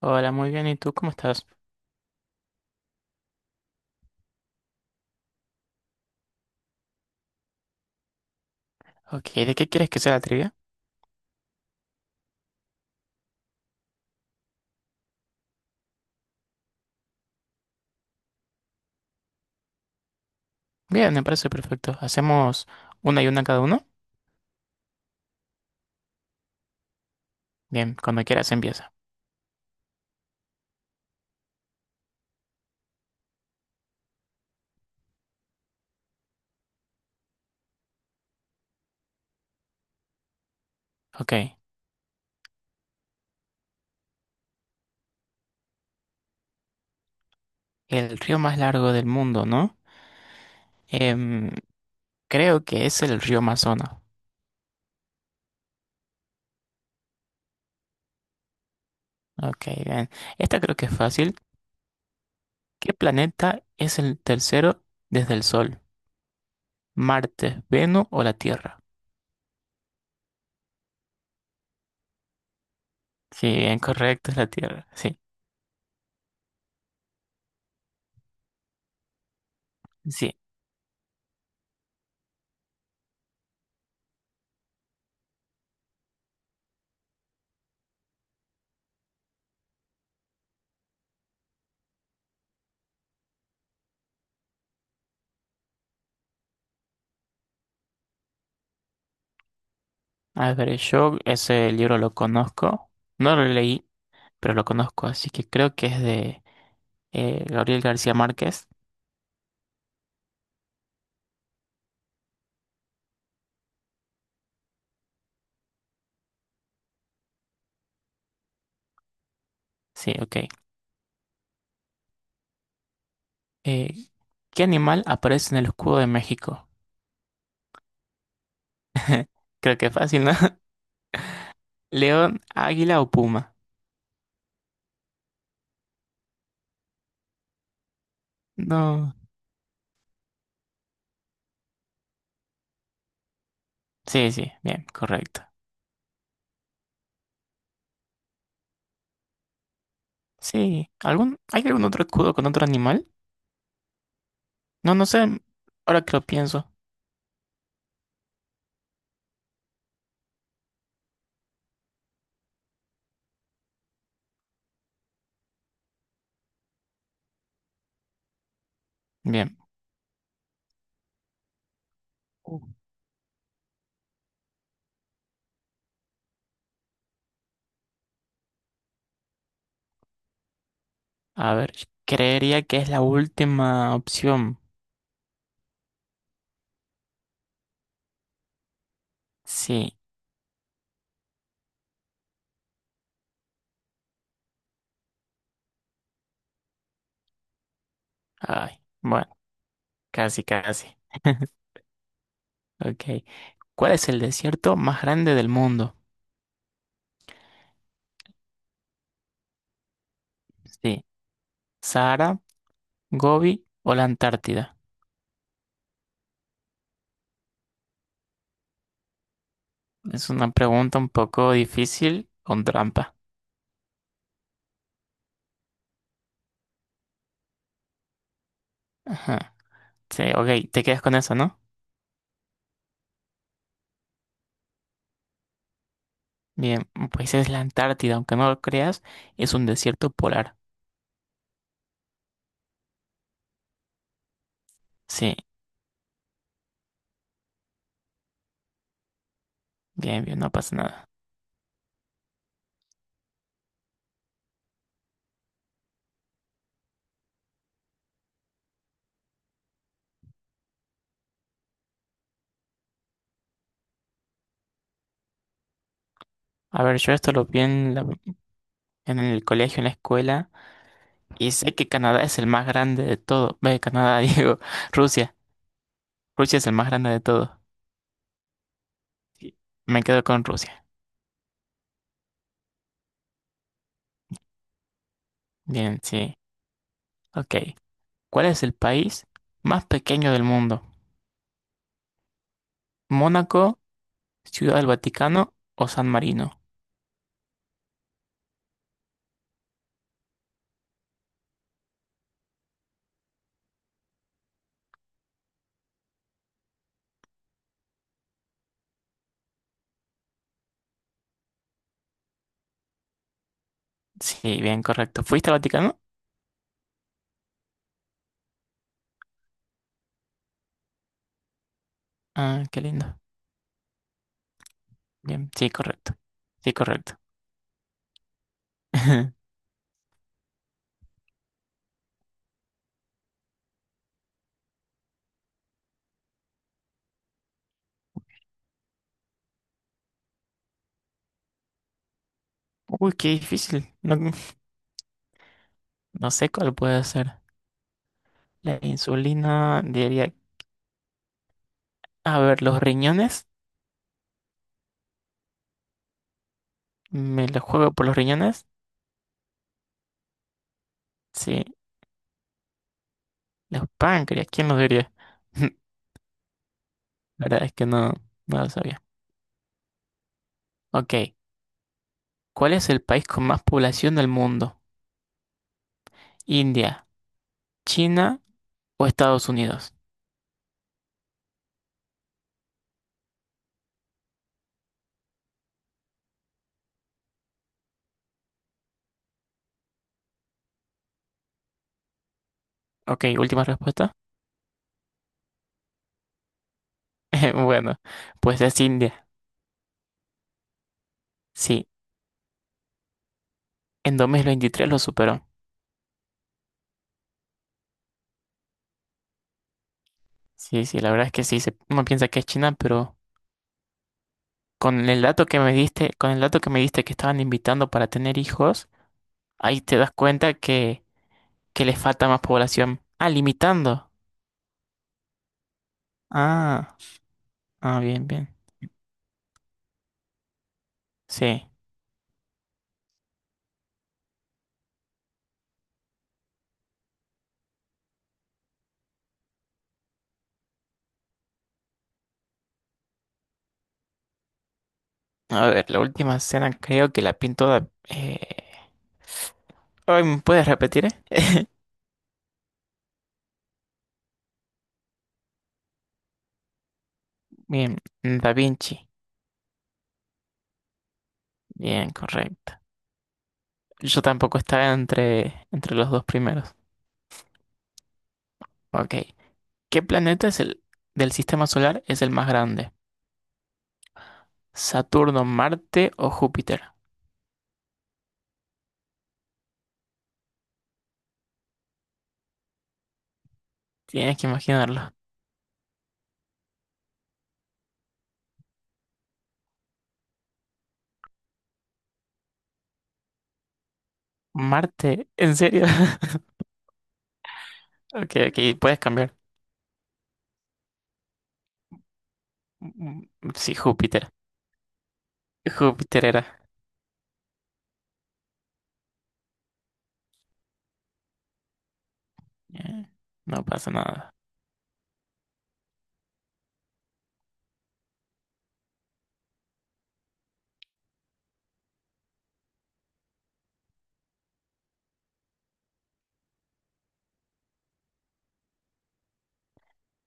Hola, muy bien. ¿Y tú cómo estás? Ok, ¿de qué quieres que sea la trivia? Bien, me parece perfecto. ¿Hacemos una y una cada uno? Bien, cuando quieras empieza. Ok. El río más largo del mundo, ¿no? Em, Creo que es el río Amazonas. Ok, bien. Esta creo que es fácil. ¿Qué planeta es el tercero desde el Sol? ¿Marte, Venus o la Tierra? Sí, bien, correcto, es la Tierra. Sí, sí. A ver, yo ese libro lo conozco. No lo leí, pero lo conozco, así que creo que es de... Gabriel García Márquez. Sí, ok. Eh, ¿Qué animal aparece en el escudo de México? Creo que es fácil, ¿no? ¿León, águila o puma? No. Sí, sí, bien, correcto. Sí, ¿algún, hay algún otro escudo con otro animal? No, no sé, ahora que lo pienso. Bien. Uh. A ver, creería que es la última opción. Sí, ay, bueno, casi, casi. Ok. ¿Cuál es el desierto más grande del mundo? Sí. Sahara, ¿Gobi o la Antártida? Es una pregunta un poco difícil con trampa. Ajá. Sí, ok, te quedas con eso, ¿no? Bien, pues es la Antártida, aunque no lo creas, es un desierto polar. Sí, bien, bien, no pasa nada. A ver, yo esto lo vi en, en el colegio, en la escuela, y sé que Canadá es el más grande de todo. Ve, Canadá, digo, Rusia. Rusia es el más grande de todo. Sí, me quedo con Rusia. Bien, sí. Ok. ¿Cuál es el país más pequeño del mundo? ¿Mónaco? Ciudad del Vaticano o San Marino. Sí, bien, correcto. ¿Fuiste al Vaticano? Ah, qué lindo. Bien, sí, correcto. Sí, correcto. Uy, qué difícil. No, no sé cuál puede ser. La insulina, diría. A ver, los riñones. Me los juego por los riñones. Sí, los páncreas. ¿Quién los diría? La verdad es que no, no lo sabía. Ok, ¿cuál es el país con más población del mundo? ¿India, China o Estados Unidos? Ok, última respuesta. Bueno, pues es India. Sí, en 2023 lo superó. Sí, sí, la verdad es que sí, uno piensa que es China, pero con el dato que me diste, con el dato que me diste que estaban invitando para tener hijos, ahí te das cuenta que les falta más población. Ah, limitando. Ah, ah, bien, bien. Sí. A ver, la última escena creo que la pintó Da... ay, ¿me puedes repetir, Bien, Da Vinci. Bien, correcto. Yo tampoco estaba entre, entre los dos primeros. Ok. ¿Qué planeta es el del sistema solar es el más grande? ¿Saturno, Marte o Júpiter? Tienes que imaginarlo. Marte, ¿en serio? Ok, ok, puedes cambiar. Mm, Sí, Júpiter. Júpiter era. Eh, No pasa nada.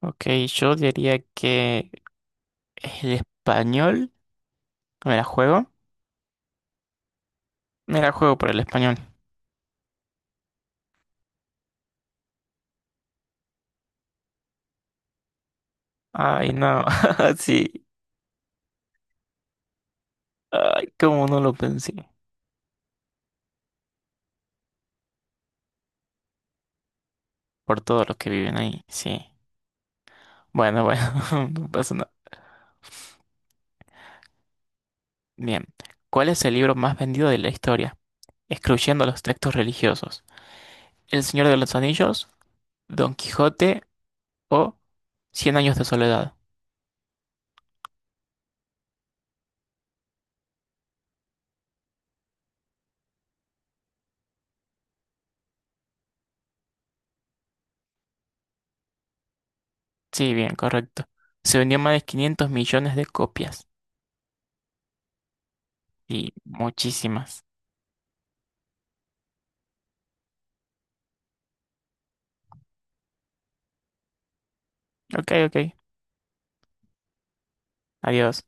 Ok, yo diría que el español. ¿Me la juego? Me la juego por el español. Ay, no. Sí. Ay, cómo no lo pensé. Por todos los que viven ahí. Sí. Bueno, bueno, no pasa nada. Bien, ¿cuál es el libro más vendido de la historia, excluyendo los textos religiosos? ¿El Señor de los Anillos, Don Quijote o Cien años de soledad? Sí, bien, correcto. Se vendió más de 500 millones de copias y muchísimas. Ok, ok. Adiós.